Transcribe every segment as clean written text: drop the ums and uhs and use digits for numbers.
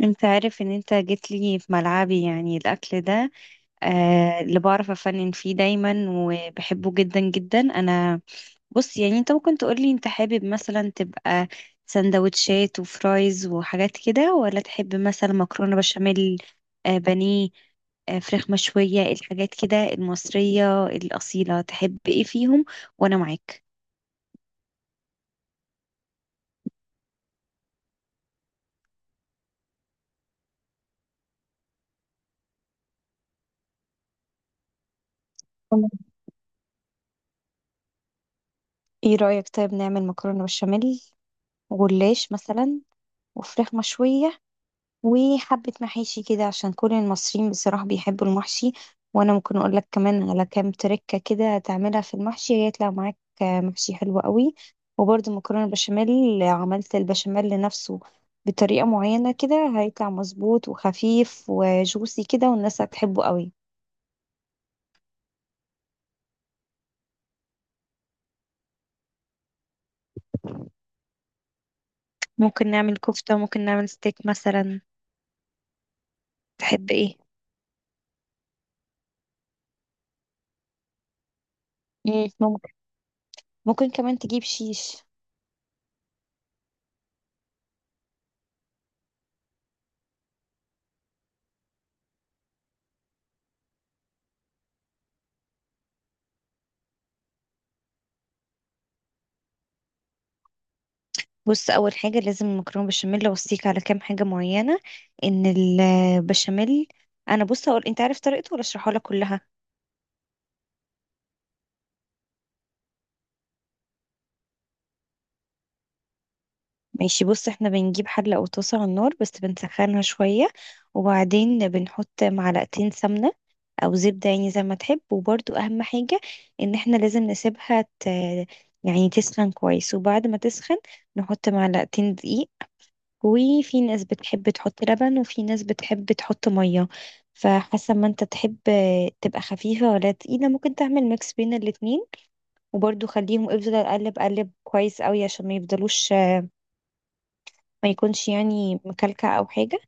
انت عارف ان انت جيت لي في ملعبي، يعني الاكل ده اللي بعرف افنن فيه دايما، وبحبه جدا جدا انا. بص، يعني انت ممكن تقولي انت حابب مثلا تبقى سندوتشات وفرايز وحاجات كده، ولا تحب مثلا مكرونة بشاميل، بانيه، فراخ مشوية، الحاجات كده المصرية الأصيلة. تحب ايه فيهم؟ وانا معاك. ايه رأيك طيب نعمل مكرونة بشاميل، وجلاش مثلا، وفراخ مشوية، وحبة محاشي كده، عشان كل المصريين بصراحة بيحبوا المحشي. وأنا ممكن أقول لك كمان على كام تركة كده تعملها في المحشي، هيطلع معاك محشي حلو قوي. وبرده مكرونة بشاميل، عملت البشاميل لنفسه بطريقة معينة كده، هيطلع مظبوط وخفيف وجوسي كده، والناس هتحبه قوي. ممكن نعمل كفتة، ممكن نعمل ستيك مثلا. تحب ايه؟ ممكن. ممكن كمان تجيب شيش. بص، اول حاجه لازم المكرونه بشاميل اوصيك على كام حاجه معينه. ان البشاميل، انا بص هقول، انت عارف طريقته ولا اشرحها لك كلها؟ ماشي، بص احنا بنجيب حله او طاسه على النار، بس بنسخنها شويه. وبعدين بنحط معلقتين سمنه او زبده، يعني زي ما تحب. وبرده اهم حاجه ان احنا لازم نسيبها يعني تسخن كويس. وبعد ما تسخن نحط معلقتين دقيق. وفي ناس بتحب تحط لبن، وفي ناس بتحب تحط مية، فحسب ما انت تحب تبقى خفيفة ولا تقيلة. ممكن تعمل ميكس بين الاتنين. وبرضو خليهم، افضل اقلب قلب كويس قوي عشان ما يفضلوش، ما يكونش يعني مكلكع او حاجة.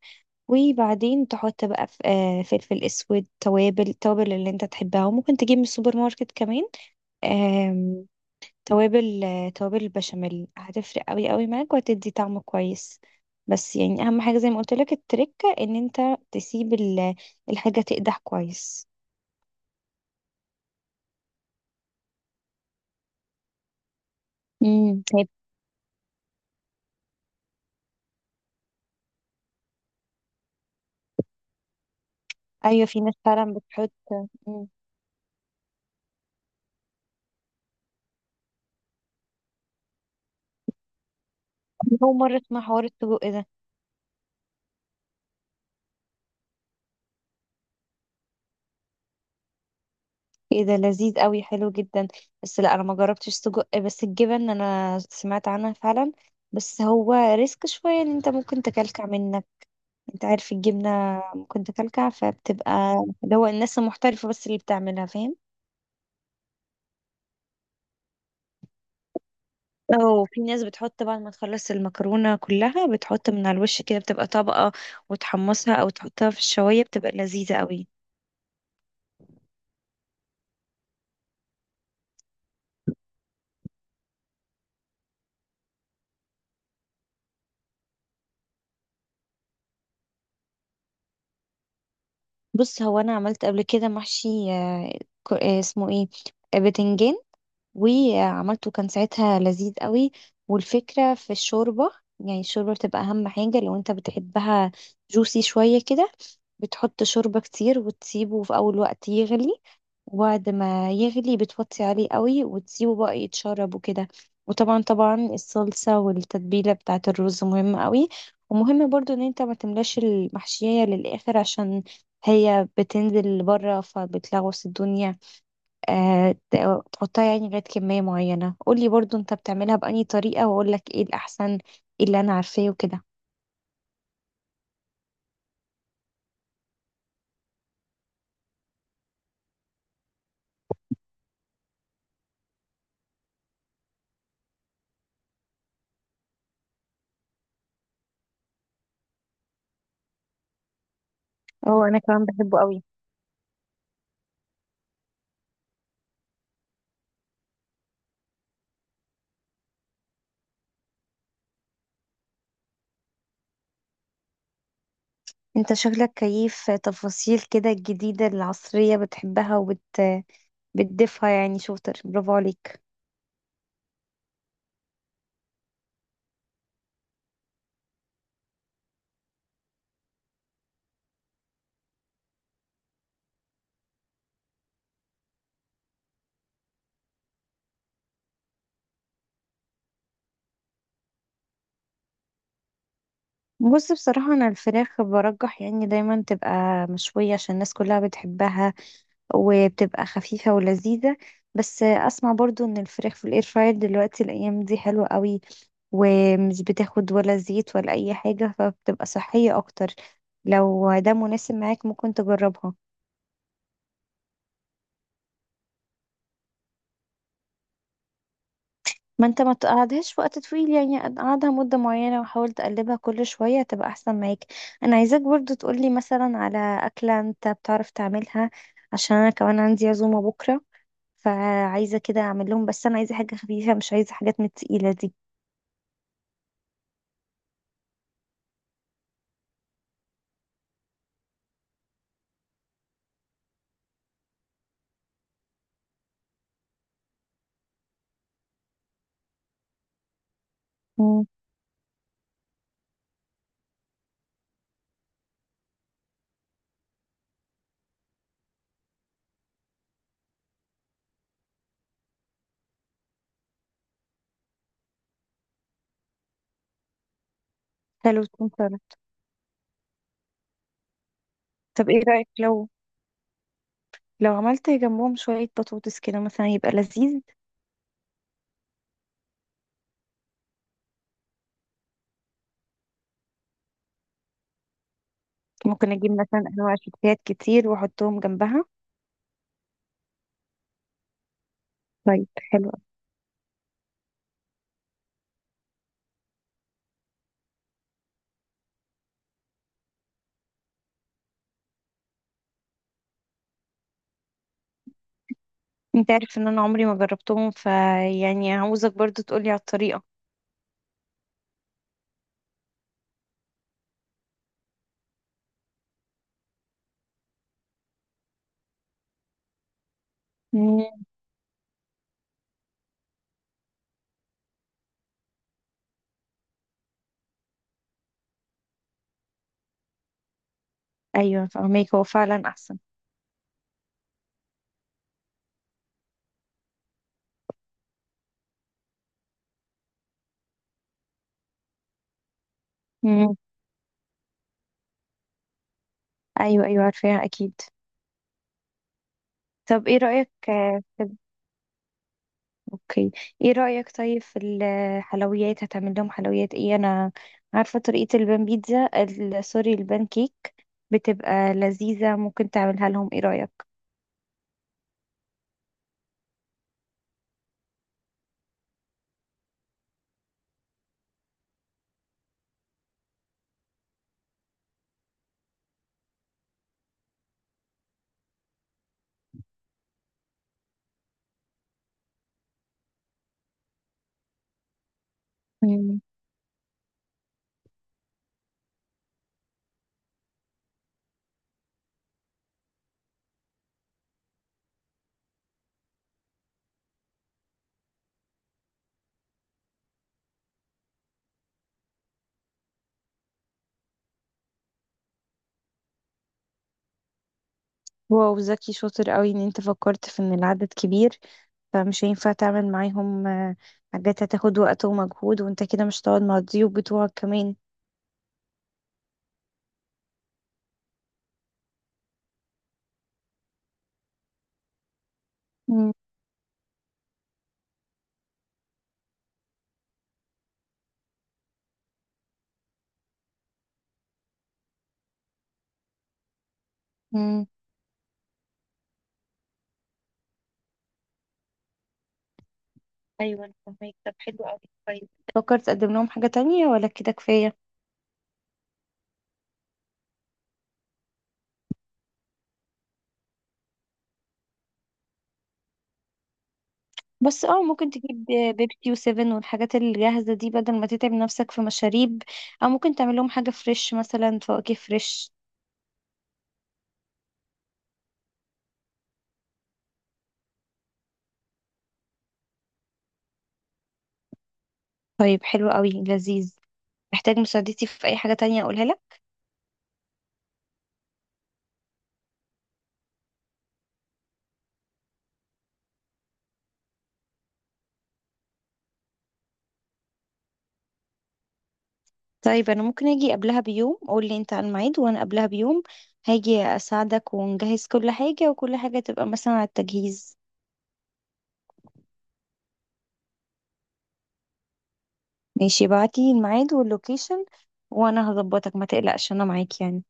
وبعدين تحط بقى فلفل اسود، توابل، التوابل اللي انت تحبها. وممكن تجيب من السوبر ماركت كمان توابل. توابل البشاميل هتفرق قوي قوي معاك، وهتدي طعم كويس. بس يعني اهم حاجه زي ما قلت لك التركه ان انت تسيب الحاجه تقدح كويس. امم. ايوه، في ناس فعلا بتحط. مم. أنا اول مره اسمع حوار السجق ده. ايه ده، لذيذ قوي، حلو جدا. بس لا، انا ما جربتش سجق، بس الجبن انا سمعت عنها فعلا. بس هو ريسك شويه، ان انت ممكن تكلكع منك. انت عارف الجبنه ممكن تكلكع فبتبقى اللي هو الناس المحترفه بس اللي بتعملها، فاهم. اه، في ناس بتحط بعد ما تخلص المكرونة كلها، بتحط من على الوش كده بتبقى طبقة، وتحمصها او تحطها في الشواية، بتبقى لذيذة قوي. بص، هو انا عملت قبل كده محشي، اسمه ايه، بتنجان. وعملته كان ساعتها لذيذ قوي. والفكرة في الشوربة، يعني الشوربة بتبقى أهم حاجة. لو أنت بتحبها جوسي شوية كده، بتحط شوربة كتير وتسيبه في أول وقت يغلي. وبعد ما يغلي بتوطي عليه قوي وتسيبه بقى يتشرب وكده. وطبعا طبعا الصلصة والتتبيلة بتاعة الرز مهمة قوي. ومهم برضو ان انت ما تملاش المحشية للآخر، عشان هي بتنزل بره فبتلغوص الدنيا. تحطها يعني لغاية كمية معينة. قولي برضو انت بتعملها بأني طريقة واقولك ايه الأحسن، ايه اللي انا عارفاه وكده. اه، انا كمان بحبه قوي. انت شغلك كيف، تفاصيل كده الجديدة العصرية بتحبها بتضيفها، يعني شاطر، برافو عليك. بص، بصراحة أنا الفراخ برجح يعني دايما تبقى مشوية، عشان الناس كلها بتحبها، وبتبقى خفيفة ولذيذة. بس اسمع برضو ان الفراخ في الاير فراير دلوقتي الايام دي حلوة قوي، ومش بتاخد ولا زيت ولا اي حاجة، فبتبقى صحية اكتر. لو ده مناسب معاك ممكن تجربها. ما انت ما تقعدهاش في وقت طويل، يعني قعدها مدة معينة وحاول تقلبها كل شوية، تبقى احسن معاك. انا عايزاك برضو تقولي مثلا على اكلة انت بتعرف تعملها، عشان انا كمان عندي عزومة بكرة، فعايزة كده اعمل لهم، بس انا عايزة حاجة خفيفة، مش عايزة حاجات من التقيلة دي. حلو، تكون سلطة. طب ايه رأيك، لو عملت جنبهم شوية بطاطس كده مثلا، يبقى لذيذ. ممكن اجيب مثلا انواع شيبسيات كتير واحطهم جنبها. طيب، حلو. انت عارف ان انا عمري ما جربتهم، فيعني عاوزك برضو تقولي على الطريقة. مم. ايوه، فهميك، هو فعلا احسن. مم. ايوه ايوه، عارفاها اكيد. طب ايه رأيك في. اوكي، ايه رأيك طيب في الحلويات؟ هتعمل لهم حلويات ايه؟ انا عارفة طريقة البان بيتزا ال- سوري البان كيك، بتبقى لذيذة، ممكن تعملها لهم. ايه رأيك؟ مم. واو، ذكي، شاطر قوي ان انت فكرت في ان العدد كبير، فمش هينفع تعمل معاهم حاجات هتاخد وقت ومجهود، وانت كده مش هتقعد مع الضيوف بتوعك كمان. مم. مم. ايوه، انا فاهمك. طب حلو قوي، كويس. فكرت تقدم لهم حاجة تانية ولا كده كفاية؟ بس اه، ممكن تجيب بيبسي وسيفن والحاجات الجاهزة دي بدل ما تتعب نفسك في مشاريب، او ممكن تعمل لهم حاجة فريش، مثلا فواكه فريش. طيب، حلو قوي، لذيذ. محتاج مساعدتي في اي حاجة تانية اقولها لك؟ طيب انا ممكن اجي قبلها بيوم. قول لي انت على الميعاد وانا قبلها بيوم هاجي اساعدك ونجهز كل حاجة، وكل حاجة تبقى مثلا على التجهيز. ماشي، بعتي الميعاد واللوكيشن، وانا هظبطك، ما تقلقش، انا معاك يعني.